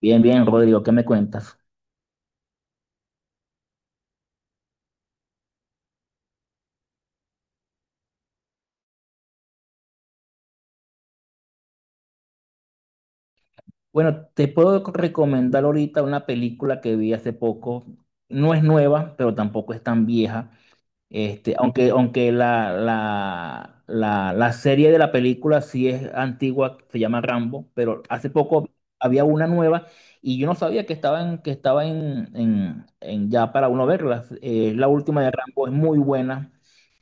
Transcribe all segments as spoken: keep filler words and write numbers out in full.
Bien, bien, Rodrigo, ¿qué me cuentas? Bueno, te puedo recomendar ahorita una película que vi hace poco. No es nueva, pero tampoco es tan vieja. Este, aunque, aunque la, la, la, la serie de la película sí es antigua, se llama Rambo, pero hace poco había una nueva y yo no sabía que estaba en, que estaba en, en, en ya para uno verla. Eh, la última de Rambo es muy buena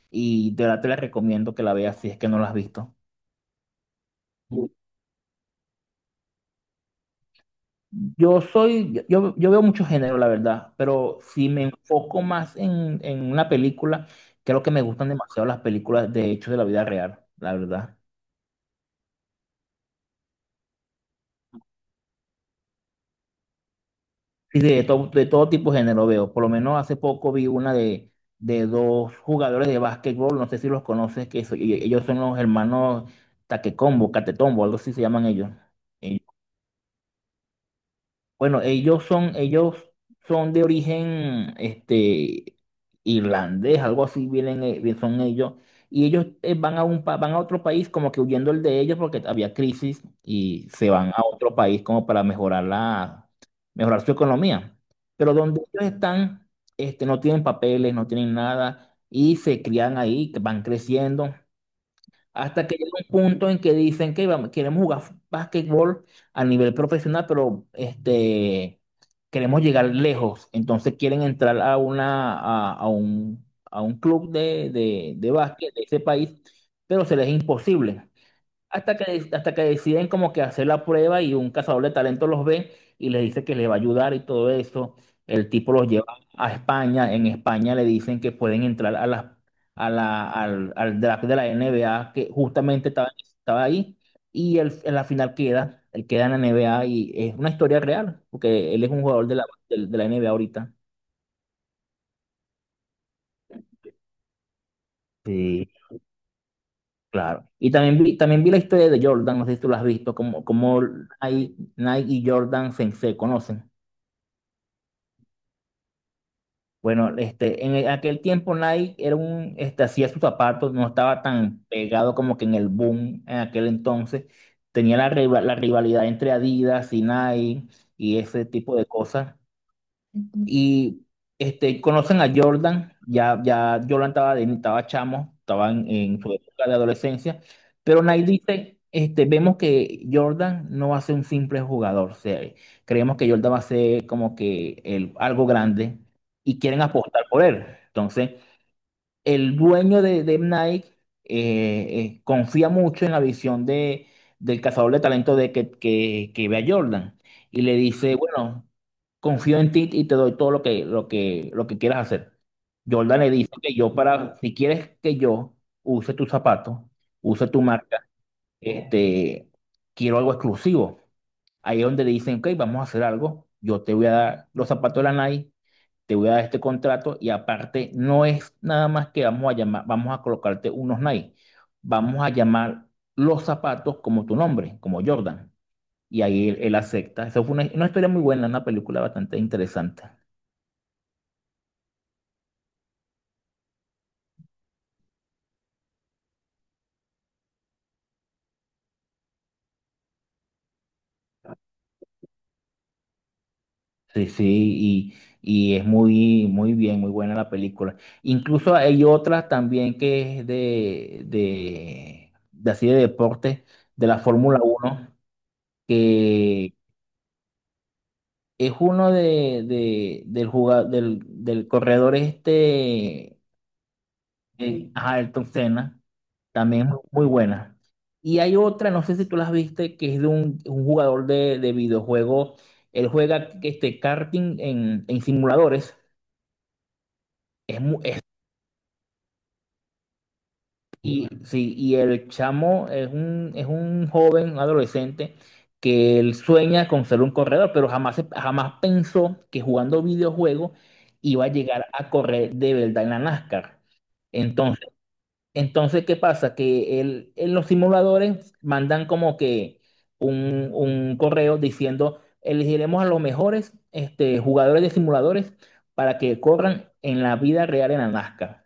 y de verdad te la recomiendo que la veas si es que no la has visto. Yo soy, yo, yo veo mucho género, la verdad, pero si me enfoco más en, en una película, creo que me gustan demasiado las películas de hechos de la vida real, la verdad. Sí, de todo, de todo tipo de género veo. Por lo menos hace poco vi una de, de dos jugadores de básquetbol, no sé si los conoces, que so- y- ellos son los hermanos Taquecombo, Catetombo, algo así se llaman ellos. Bueno, ellos son, ellos son de origen este, irlandés, algo así vienen, eh, bien son ellos. Y ellos eh, van a un pa- van a otro país como que huyendo el de ellos porque había crisis y se van a otro país como para mejorar la, mejorar su economía. Pero donde ellos están, este, no tienen papeles, no tienen nada y se crían ahí, van creciendo. Hasta que llega un punto en que dicen que vamos- queremos jugar básquetbol a nivel profesional, pero este, queremos llegar lejos. Entonces quieren entrar a, una, a, a un, a un club de, de, de básquet de ese país, pero se les es imposible. Hasta que, hasta que deciden como que hacer la prueba y un cazador de talentos los ve y les dice que les va a ayudar y todo eso. El tipo los lleva a España. En España le dicen que pueden entrar a la, a la, al, al draft de la N B A que justamente estaba, estaba ahí. Y él, en la final queda, él queda en la N B A y es una historia real, porque él es un jugador de la, de, de la N B A ahorita. Sí, claro. Y también vi, también vi la historia de Jordan, no sé si tú la has visto, como, como Nike Nike y Jordan se se conocen. Bueno, este, en aquel tiempo Nike era un, este, hacía sus zapatos, no estaba tan pegado como que en el boom en aquel entonces. Tenía la, riva- la rivalidad entre Adidas y Nike y ese tipo de cosas. Y este, conocen a Jordan, ya, ya Jordan estaba, de- estaba chamo, estaba en, en su época de adolescencia, pero Nike dice, este, vemos que Jordan no va a ser un simple jugador, o sea, creemos que Jordan va a ser como que el, algo grande y quieren apostar por él. Entonces, el dueño de, de Nike eh, eh, confía mucho en la visión de, del cazador de talento de que, que, que ve a Jordan y le dice, bueno, confío en ti y te doy todo lo que, lo que, lo que quieras hacer. Jordan le dice que yo para, si quieres que yo use tus zapatos, use tu marca, este, quiero algo exclusivo. Ahí es donde le dicen, ok, vamos a hacer algo, yo te voy a dar los zapatos de la Nike, te voy a dar este contrato y aparte no es nada más que vamos a llamar, vamos a colocarte unos Nike, vamos a llamar los zapatos como tu nombre, como Jordan. Y ahí él, él acepta. Eso fue una, una historia muy buena, una película bastante interesante. Sí, sí, y, y es muy, muy bien, muy buena la película. Incluso hay otra también que es de, de, de así de deporte, de la Fórmula uno, es uno de, de- del, jugador, del, del corredor este, eh, ajá, Ayrton Senna, también es muy buena. Y hay otra, no sé si tú las viste, que es de un, un jugador de, de videojuegos. Él juega este karting en, en simuladores. Es, mu- es Y sí, y el chamo es un, es un joven, un adolescente, que él sueña con ser un corredor, pero jamás, se- jamás pensó que jugando videojuegos iba a llegar a correr de verdad en la NASCAR. Entonces, entonces ¿qué pasa? Que él, en los simuladores mandan como que un, un correo diciendo, elegiremos a los mejores este, jugadores de simuladores para que corran en la vida real en la NASCAR.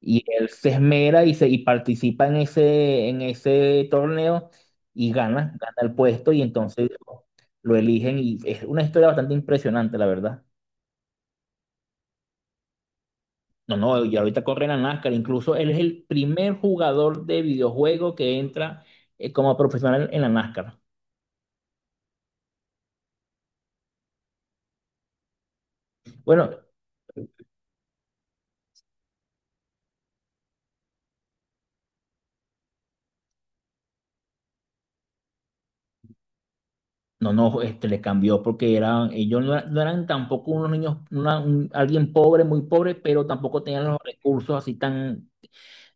Y él se esmera y, se, y participa en ese, en ese torneo y gana, gana el puesto y entonces lo eligen y es una historia bastante impresionante, la verdad. No, no, y ahorita corre la NASCAR, incluso él es el primer jugador de videojuego que entra eh, como profesional en la NASCAR. Bueno, no, no, este le cambió porque eran, ellos no, eran no eran tampoco unos niños, una- un- alguien pobre, muy pobre, pero tampoco tenían los recursos así tan,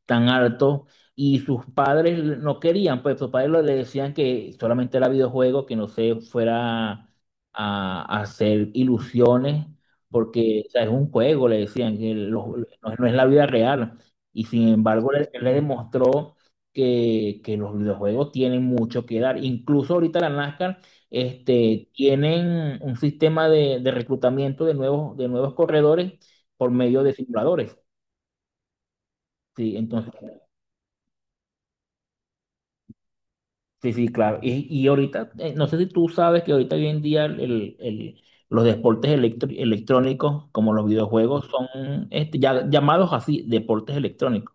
tan alto, y sus padres no querían, pues sus padres le decían que solamente era videojuego, que no se fuera a, a hacer ilusiones, porque o sea, es un juego, le decían, que lo- no, no es la vida real. Y sin embargo, le, le demostró que, que los videojuegos tienen mucho que dar. Incluso ahorita la NASCAR, este, tienen un sistema de, de reclutamiento de nuevos, de nuevos corredores por medio de simuladores. Sí, entonces Sí, sí, claro. Y, y ahorita, eh, no sé si tú sabes que ahorita hoy en día el, el- el- los deportes electro- electrónicos, como los videojuegos, son este, ya, llamados así, deportes electrónicos.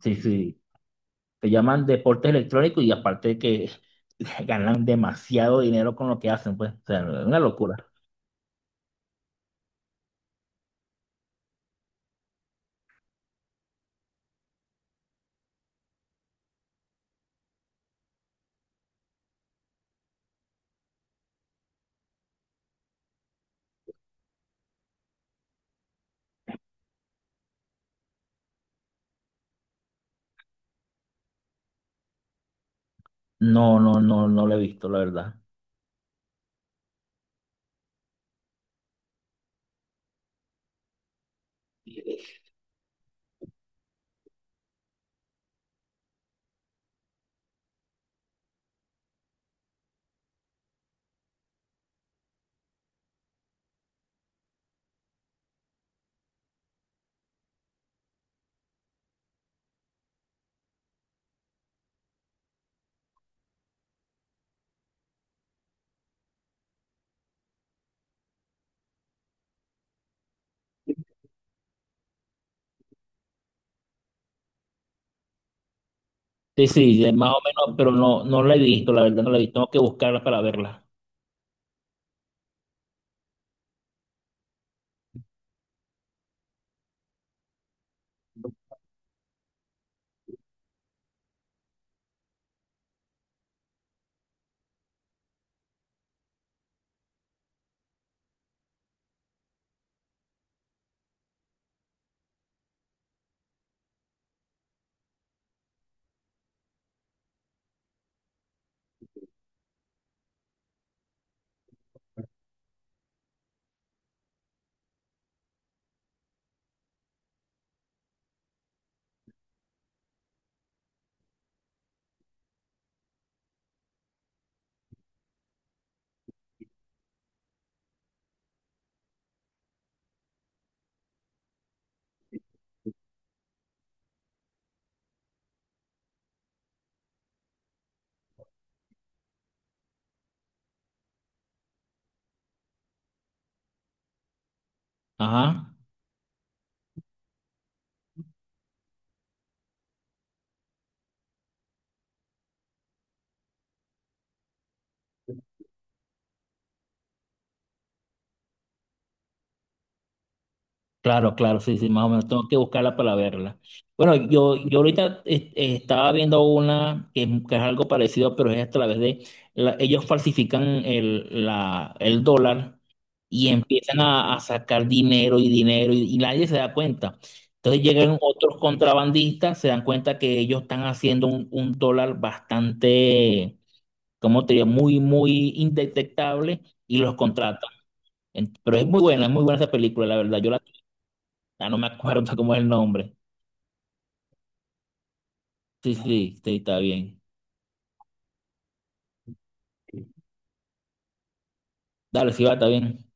Sí, sí, se llaman deportes electrónicos y aparte que ganan demasiado dinero con lo que hacen, pues, o sea, es una locura. No, no, no, no lo he visto, la verdad. Sí, sí, de- más o menos, pero no, no la he visto, la verdad, no la he visto. Tengo que buscarla para verla. Ajá. Claro, claro, sí, sí, más o menos tengo que buscarla para verla. Bueno, yo, yo ahorita eh, eh, estaba viendo una que, es que es algo parecido, pero es a través de la- ellos falsifican el, la, el dólar y empiezan a, a sacar dinero y dinero y, y nadie se da cuenta. Entonces llegan otros contrabandistas, se dan cuenta que ellos están haciendo un, un dólar bastante, ¿cómo te digo? Muy, muy indetectable, y los contratan. En- Pero es muy buena, es muy buena esa película, la verdad. Yo la ya no me acuerdo cómo es el nombre. Sí, sí, sí, está bien. Dale, sí va, está bien.